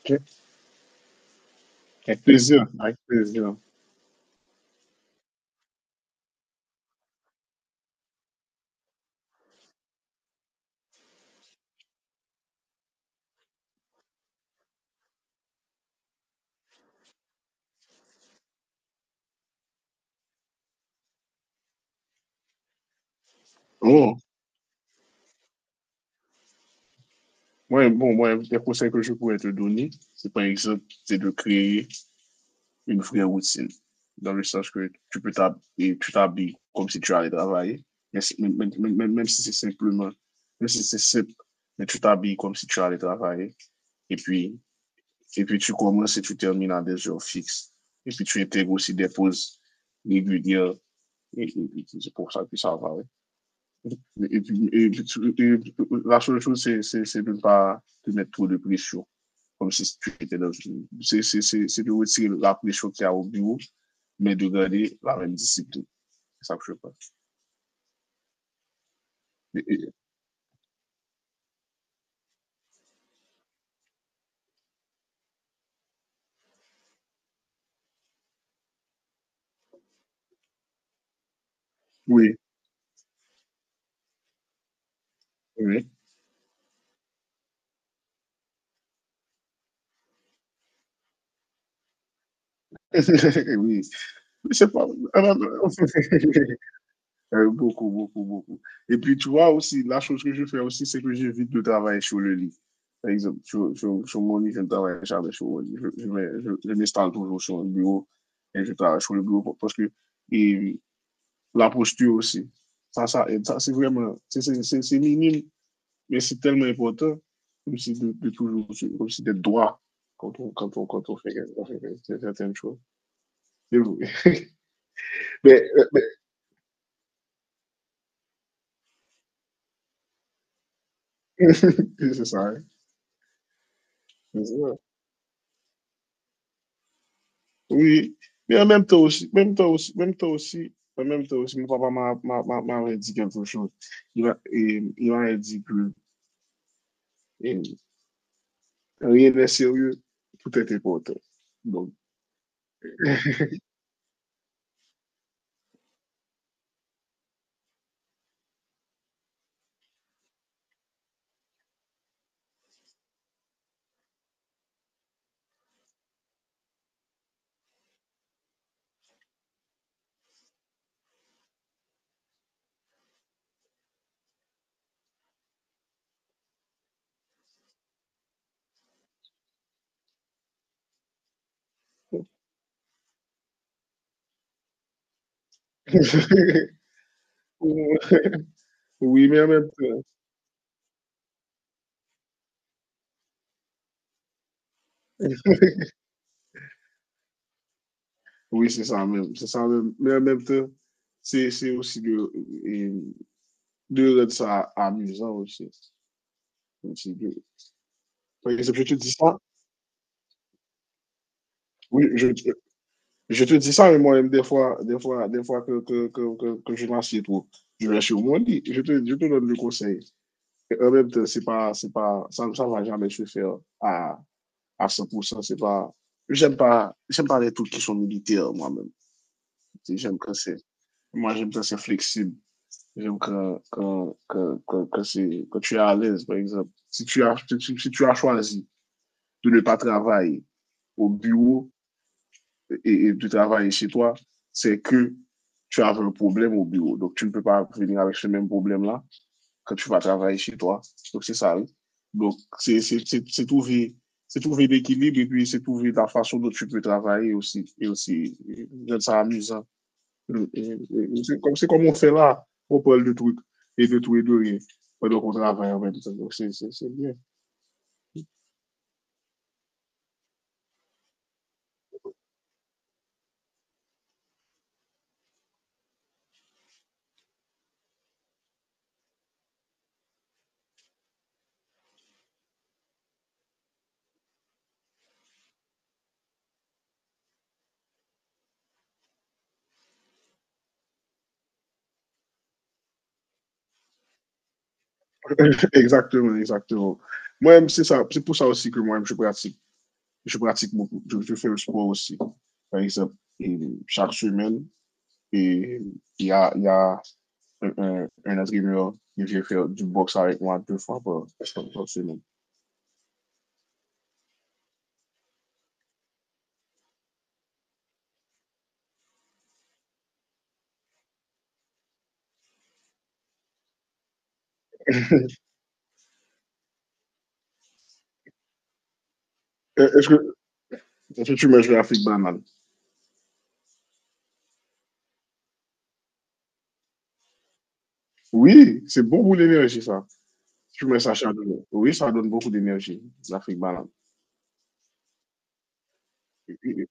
Ok. Avec plaisir, avec plaisir. Oh, ouais, bon, moi, les conseils que je pourrais te donner, c'est par exemple, c'est de créer une vraie routine, dans le sens que tu t'habilles comme si tu allais travailler, mais même si c'est simplement, même si c'est simple, mais tu t'habilles comme si tu allais travailler, et puis, et puis tu commences et tu termines à des heures fixes, et puis tu intègres aussi des pauses régulières, et c'est pour ça que ça va, ouais. Et, et- et la seule chose, c'est de ne pas te mettre trop de pression, comme si tu étais dans une... C'est de retirer la pression qu'il y a au bureau, mais de garder la même discipline. C'est ça que je pense. Et- Oui, oui. oui, c'est pas... Beaucoup, beaucoup, beaucoup. Et puis, tu vois aussi, la chose que je fais aussi, c'est que j'évite de travailler sur le lit. Par exemple, sur mon lit, je ne travaille jamais sur mon lit. Je m'installe toujours sur le bureau et je travaille sur le bureau parce que et la posture aussi, ça aide. Ça c'est vraiment, c'est minime, mais c'est tellement important comme si de toujours, comme si d'être droit quand on, quand on fait certaines choses. C'est vrai. Mais, euh, mais- c'est ça, hein. C'est ça. Oui, mais en même temps aussi, même temps aussi, même temps aussi, en même temps aussi, mon papa m'a- m'a- m'a- m'avait dit quelque chose. Il m'avait dit que eh, rien n'est sérieux, tout est important. Donc, oui, mais en même temps, oui, c'est ça même, mais en même temps, c'est aussi de, eh, de rendre ça amusant aussi. Aussi de- Par exemple, je te dis ça, oui, je, je te dis ça, mais moi-même, des fois que je m'assieds trop, je vais sur mon lit, je te donne le conseil. Et en même temps, c'est pas, ça ne va jamais se faire à 100%. C'est pas, j'aime pas les trucs qui sont militaires, moi-même. J'aime quand c'est, Moi, j'aime quand c'est flexible. J'aime quand, quand, quand, quand, quand c'est, quand tu es à l'aise, par exemple. Si si tu as choisi de ne pas travailler au bureau, et de travailler chez toi, c'est que tu as un problème au bureau. Donc, tu ne peux pas venir avec ce même problème-là quand tu vas travailler chez toi. Donc, c'est ça. Oui. Donc, c'est c'est c'est c'est trouver, c'est trouver l'équilibre et puis c'est trouver la façon dont tu peux travailler aussi. Et aussi, c'est amusant. C'est comme on fait là, on parle de trucs et de tout et de rien. Pendant qu'on travaille en même temps. Donc, c'est bien. exactement, exactement. Moi, c'est ça. C'est pour ça aussi que moi, je pratique beaucoup. Je fais le sport aussi. Par exemple, et chaque semaine, et il y a un entraîneur qui vient faire du boxe avec moi deux fois par, par semaine. Euh, Est-ce que, est-ce que tu manges de la fric banane? Oui, c'est bon pour l'énergie, ça. Tu mets ça chaque jour. Oui, ça donne beaucoup d'énergie, la fric banane. Et, et-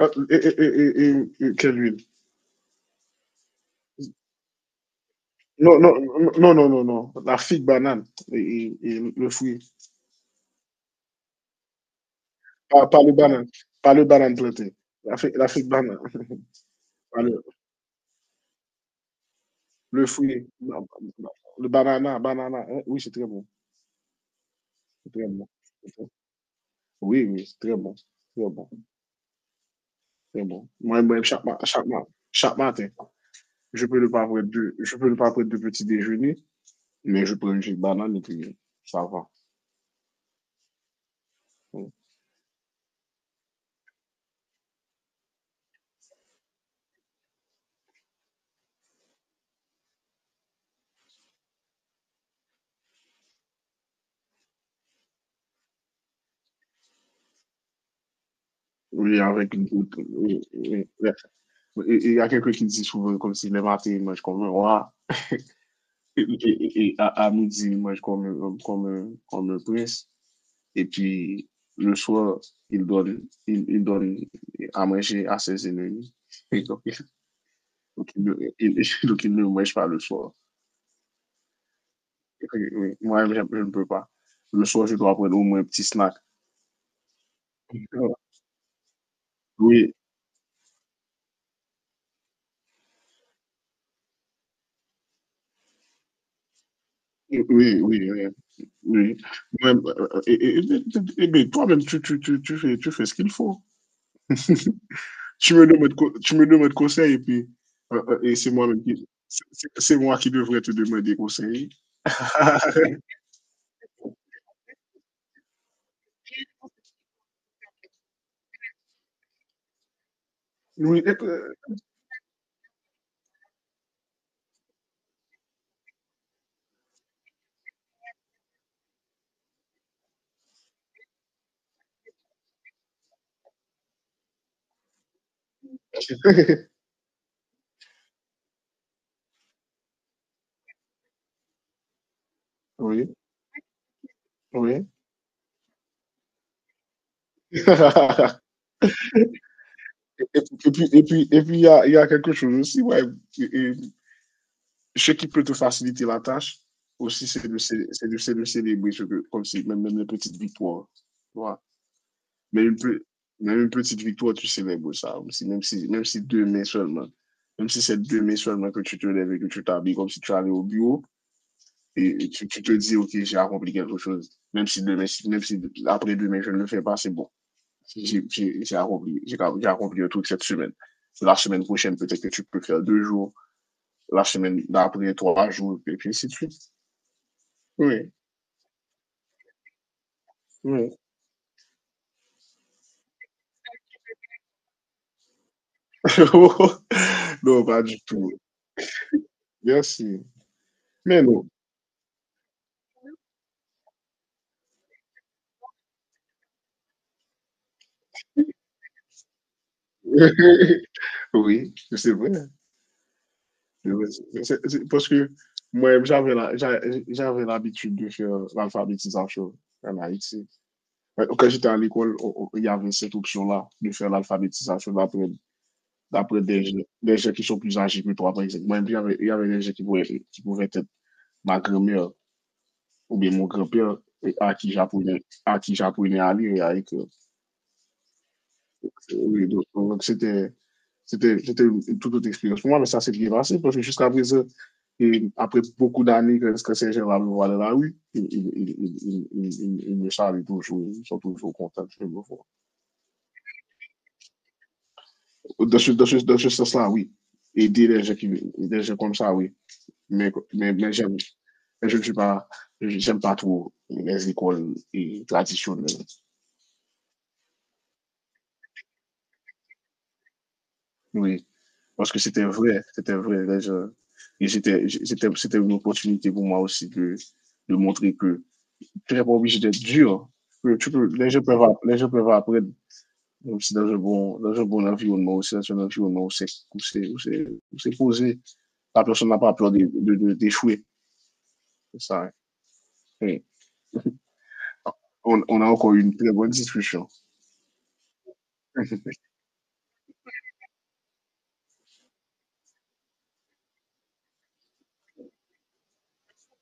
Quelle huile? Non, non, non, non, non, non. La figue banane et le fruit. Pas, pas le banane, pas le banane planté. L'Afrique, l'Afrique banane. Pas le, le fruit, non, non. Le banana, banana. Hein, oui, c'est très bon. C'est très bon. C'est très- Oui, oui, c'est très bon. Très bon. Très bon. Moi, moi, chaque, ma- chaque, ma- Chaque matin, je peux ne pas prendre de petit déjeuner, mais je prends une petite banane et puis ça va. Oui, avec une goutte. Oui, oui. Il y a quelqu'un qui dit souvent comme si le matin, il mange comme un roi. Et à midi, qu'on comme comme me, qu'on me Et puis, le soir, il donne à manger à ses ennemis. Et donc, donc, il ne, il- donc, il ne mange pas le soir. Et puis, oui, moi, je ne peux pas. Le soir, je dois prendre au moins un petit snack. Euh, Oui, oui, oui, oui. Oui. Moi, euh, et, et- et- mais toi-même, tu fais ce qu'il faut. Tu me demandes conseil et puis et c'est moi-même qui c'est c'est- moi qui devrais te demander conseil. oui, oui, oui, Et, et puis il y a quelque chose aussi ouais et ce qui peut te faciliter la tâche aussi c'est de c'est de célébrer ce que- comme si même, même les petites victoires. Voilà. Mais une, pe- même une petite victoire, tu célèbres ça aussi, même si deux mai seulement. Même si c'est deux mai seulement que tu te lèves et que tu t'habilles comme si tu allais au bureau et, tu te dis, OK, j'ai accompli quelque chose. Même si demain, si- même si après demain, je ne le fais pas, c'est bon. J'ai accompli, j'ai accompli un truc cette semaine. La semaine prochaine, peut-être que tu peux faire deux jours. La semaine d'après, trois jours, et puis ainsi de suite. Oui, oui. non, pas du tout. Merci. Mais non. Oui, c'est vrai. C'est- Parce que moi, j'avais l'habitude de faire l'alphabétisation en Haïti. Ouais, quand j'étais à l'école, on- il y avait cette option-là de faire l'alphabétisation d'après d'après des gens qui sont plus âgés que toi, par exemple. Moi, il y avait des gens qui pouvaient être ma grand-mère ou bien mon grand-père et à qui j'apprenais à lire et à écrire. Oui, donc c'était une toute autre expérience pour moi, mais ça s'est bien passé parce que jusqu'à présent, et après beaucoup d'années que Saint-Germain va me voir dans la rue, ils il me saluent toujours, ils sont toujours contents de me voir. Dans ce sens-là, oui. Aider les gens, qui, des gens comme ça, oui. Mais j'aime, mais je ne suis pas, j'aime pas trop les écoles et traditionnelles. Oui. Parce que c'était vrai, c'était vrai. Là, je- et c'était, c'était une opportunité pour moi aussi de montrer que tu n'es pas obligé d'être dur. Que tu peux, les gens peuvent apprendre aussi dans un bon environnement, aussi dans un environnement où c'est, où c'est, où c'est, où c'est posé. La personne n'a pas peur d'échouer. C'est ça. Hein. Oui. On a encore eu une très bonne discussion.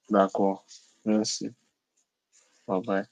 D'accord. Merci. Bye bye.